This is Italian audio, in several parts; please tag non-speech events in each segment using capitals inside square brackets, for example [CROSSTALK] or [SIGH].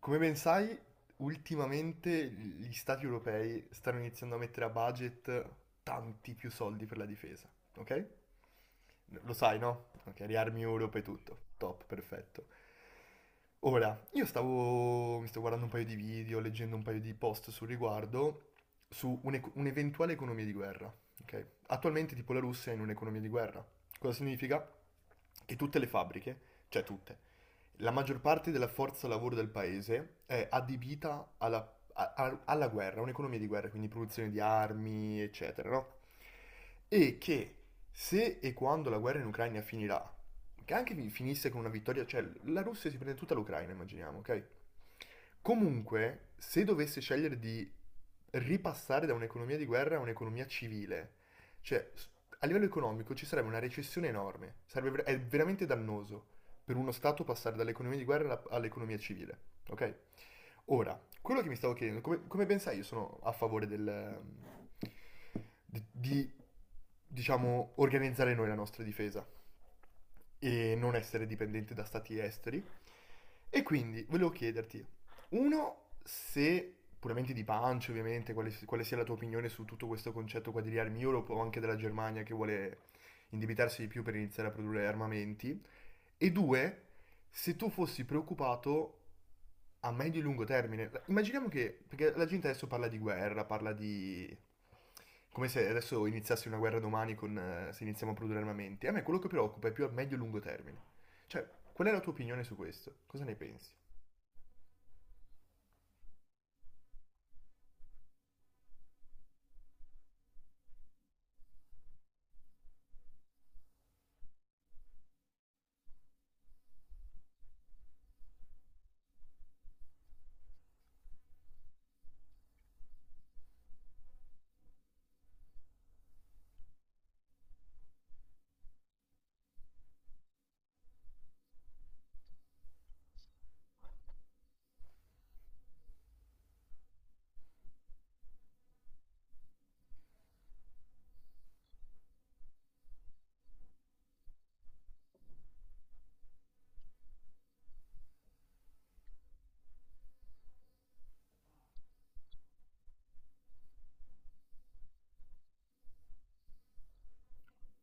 Come ben sai, ultimamente gli stati europei stanno iniziando a mettere a budget tanti più soldi per la difesa, ok? Lo sai, no? Ok, riarmi Europe e tutto. Top, perfetto. Ora, mi sto guardando un paio di video, leggendo un paio di post sul riguardo, su un'eventuale economia di guerra, ok? Attualmente tipo la Russia è in un'economia di guerra. Cosa significa? Che tutte le fabbriche, cioè tutte, la maggior parte della forza lavoro del paese è adibita alla guerra, a un'economia di guerra, quindi produzione di armi, eccetera, no? E che se e quando la guerra in Ucraina finirà, che anche finisse con una vittoria, cioè la Russia si prende tutta l'Ucraina, immaginiamo, ok? Comunque, se dovesse scegliere di ripassare da un'economia di guerra a un'economia civile, cioè a livello economico ci sarebbe una recessione enorme, è veramente dannoso per uno Stato passare dall'economia di guerra all'economia civile, ok? Ora, quello che mi stavo chiedendo, come ben sai, io sono a favore di, diciamo, organizzare noi la nostra difesa e non essere dipendenti da stati esteri. E quindi volevo chiederti, uno, se puramente di pancia, ovviamente, quale sia la tua opinione su tutto questo concetto qua di armi Europe o anche della Germania che vuole indebitarsi di più per iniziare a produrre armamenti, e due, se tu fossi preoccupato a medio e lungo termine. Immaginiamo che, perché la gente adesso parla di guerra, parla di, come se adesso iniziasse una guerra domani con, se iniziamo a produrre armamenti. A me quello che preoccupa è più a medio e lungo termine. Cioè, qual è la tua opinione su questo? Cosa ne pensi?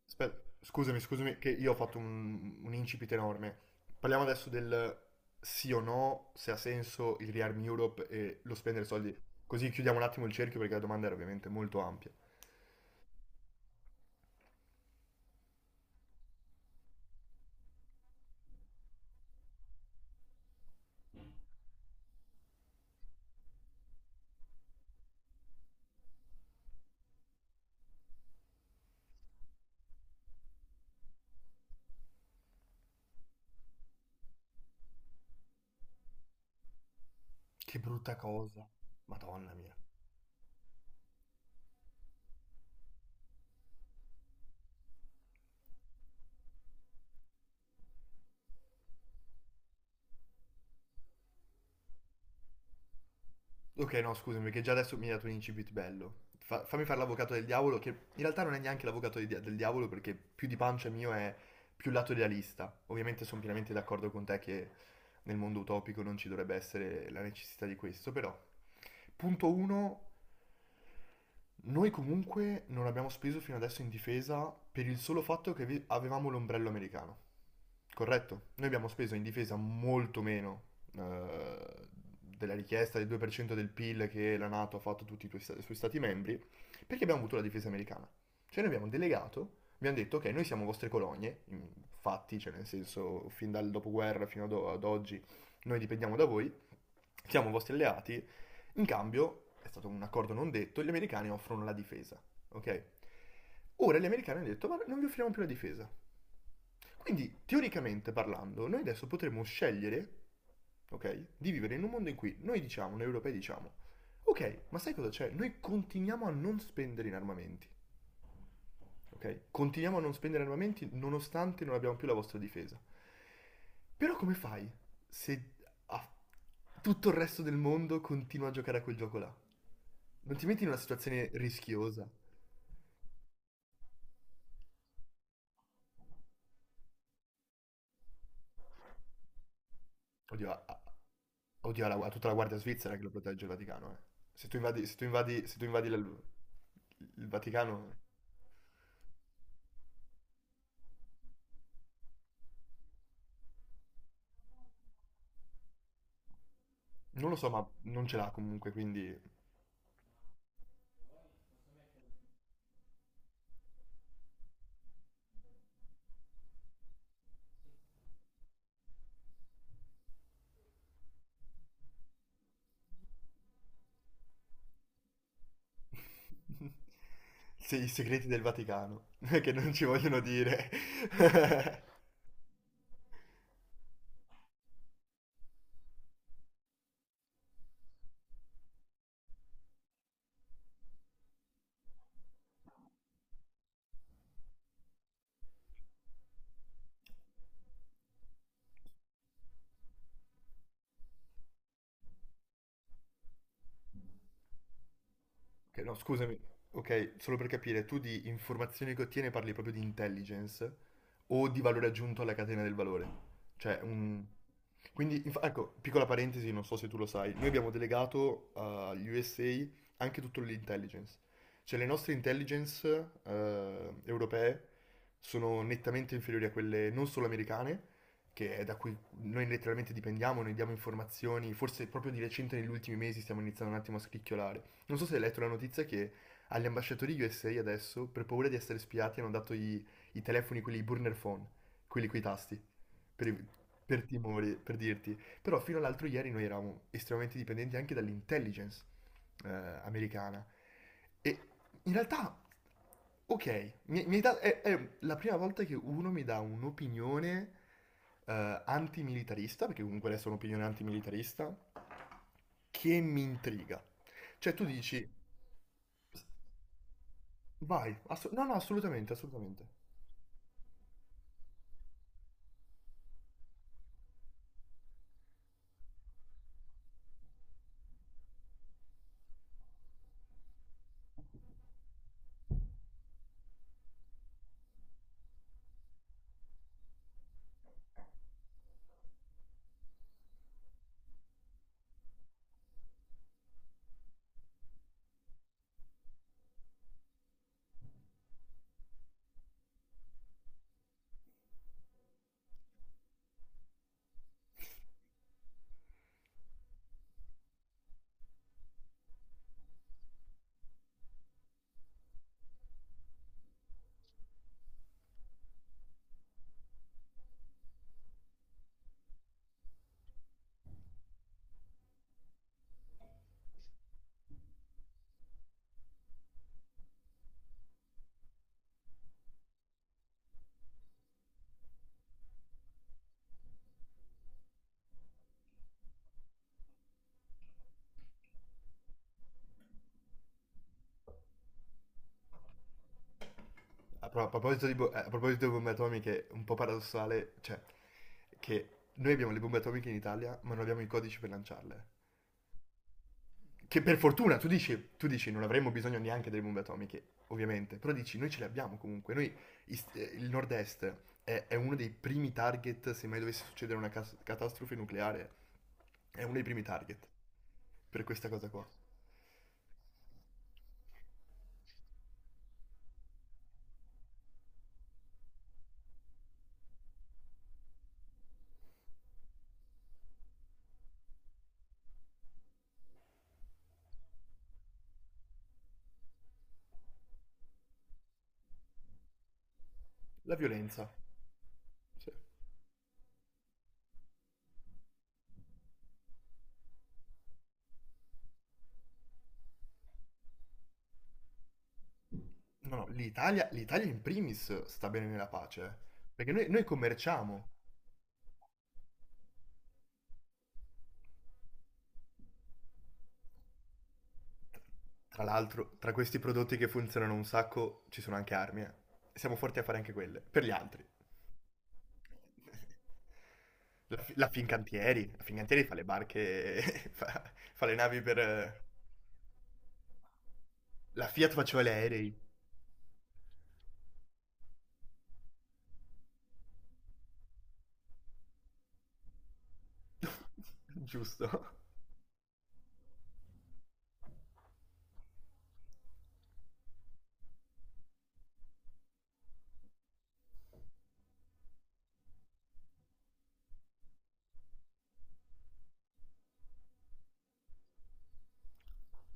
Aspetta, scusami che io ho fatto un incipit enorme. Parliamo adesso del sì o no, se ha senso il Rearm Europe e lo spendere soldi. Così chiudiamo un attimo il cerchio perché la domanda era ovviamente molto ampia. Che brutta cosa. Madonna mia. Ok, no, scusami, che già adesso mi hai dato un incipit bello. Fammi fare l'avvocato del diavolo, che in realtà non è neanche l'avvocato del diavolo, perché più di pancia mio è più lato idealista. Ovviamente sono pienamente d'accordo con te che nel mondo utopico non ci dovrebbe essere la necessità di questo, però. Punto 1. Noi comunque non abbiamo speso fino adesso in difesa per il solo fatto che avevamo l'ombrello americano. Corretto? Noi abbiamo speso in difesa molto meno eh, della richiesta del 2% del PIL che la NATO ha fatto a tutti i suoi stati membri, perché abbiamo avuto la difesa americana. Cioè noi abbiamo delegato, abbiamo detto ok, noi siamo vostre colonie, in fatti, cioè nel senso fin dal dopoguerra fino ad oggi noi dipendiamo da voi, siamo vostri alleati, in cambio, è stato un accordo non detto, gli americani offrono la difesa, ok? Ora gli americani hanno detto, ma non vi offriamo più la difesa. Quindi, teoricamente parlando, noi adesso potremmo scegliere, ok, di vivere in un mondo in cui noi diciamo, noi europei diciamo, ok, ma sai cosa c'è? Noi continuiamo a non spendere in armamenti, ok? Continuiamo a non spendere armamenti nonostante non abbiamo più la vostra difesa. Però come fai se ah, tutto il resto del mondo continua a giocare a quel gioco là? Non ti metti in una situazione rischiosa? Oddio, a, a- oddio, a tutta la guardia svizzera che lo protegge il Vaticano, eh. Se tu invadi, se tu invadi il Vaticano, non lo so, ma non ce l'ha comunque, quindi. [LAUGHS] Se i segreti del Vaticano, [LAUGHS] che non ci vogliono dire. [LAUGHS] Ok, no, scusami. Ok, solo per capire, tu di informazioni che ottieni parli proprio di intelligence o di valore aggiunto alla catena del valore? Cioè, un. Quindi, ecco, piccola parentesi, non so se tu lo sai, noi abbiamo delegato agli USA anche tutto l'intelligence. Cioè, le nostre intelligence europee sono nettamente inferiori a quelle non solo americane, che è da cui noi letteralmente dipendiamo, noi diamo informazioni, forse proprio di recente negli ultimi mesi stiamo iniziando un attimo a scricchiolare, non so se hai letto la notizia che agli ambasciatori USA adesso, per paura di essere spiati, hanno dato i telefoni, quelli i burner phone, quelli coi tasti, per, i- per timore, per dirti. Però fino all'altro ieri noi eravamo estremamente dipendenti anche dall'intelligence americana. E in realtà, ok, mi- mi hai dato- è la prima volta che uno mi dà un'opinione antimilitarista, perché comunque adesso è un'opinione antimilitarista, che mi intriga. Cioè tu dici, vai, no, no, assolutamente, assolutamente. A proposito di bombe atomiche, un po' paradossale, cioè, che noi abbiamo le bombe atomiche in Italia, ma non abbiamo i codici per lanciarle. Che per fortuna, tu dici, non avremmo bisogno neanche delle bombe atomiche, ovviamente, però dici, noi ce le abbiamo comunque, noi, il nord-est è uno dei primi target, se mai dovesse succedere una catastrofe nucleare, è uno dei primi target per questa cosa qua. La violenza. Sì. No, no, l'Italia in primis sta bene nella pace, perché noi commerciamo. Tra l'altro, tra questi prodotti che funzionano un sacco ci sono anche armi, eh. Siamo forti a fare anche quelle, per gli altri. [LAUGHS] La Fincantieri fa le barche, [LAUGHS] fa, fa le navi per. La Fiat faceva gli aerei. [LAUGHS] Giusto.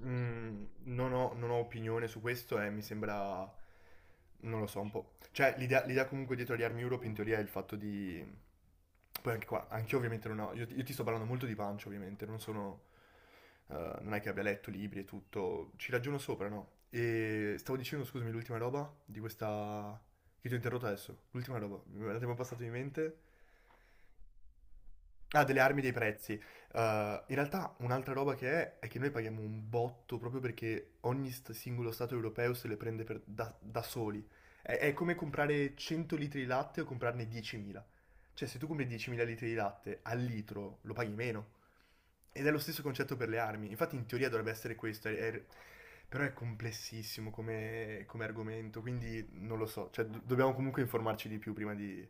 Non ho opinione su questo e mi sembra, non lo so, un po'. Cioè, l'idea comunque dietro agli Army Europe in teoria è il fatto di. Poi anche qua, anche io ovviamente non ho. Io, ti sto parlando molto di pancia ovviamente, non sono. Eh, non è che abbia letto libri e tutto, ci ragiono sopra, no? E stavo dicendo, scusami, l'ultima roba di questa, che ti ho interrotto adesso, l'ultima roba, me la siamo passata di mente. Ah, delle armi dei prezzi. In realtà un'altra roba che è che noi paghiamo un botto proprio perché ogni singolo stato europeo se le prende da soli. È come comprare 100 litri di latte o comprarne 10.000. Cioè, se tu compri 10.000 litri di latte al litro lo paghi meno. Ed è lo stesso concetto per le armi. Infatti, in teoria dovrebbe essere questo. Però è complessissimo come argomento, quindi non lo so. Cioè, dobbiamo comunque informarci di più prima di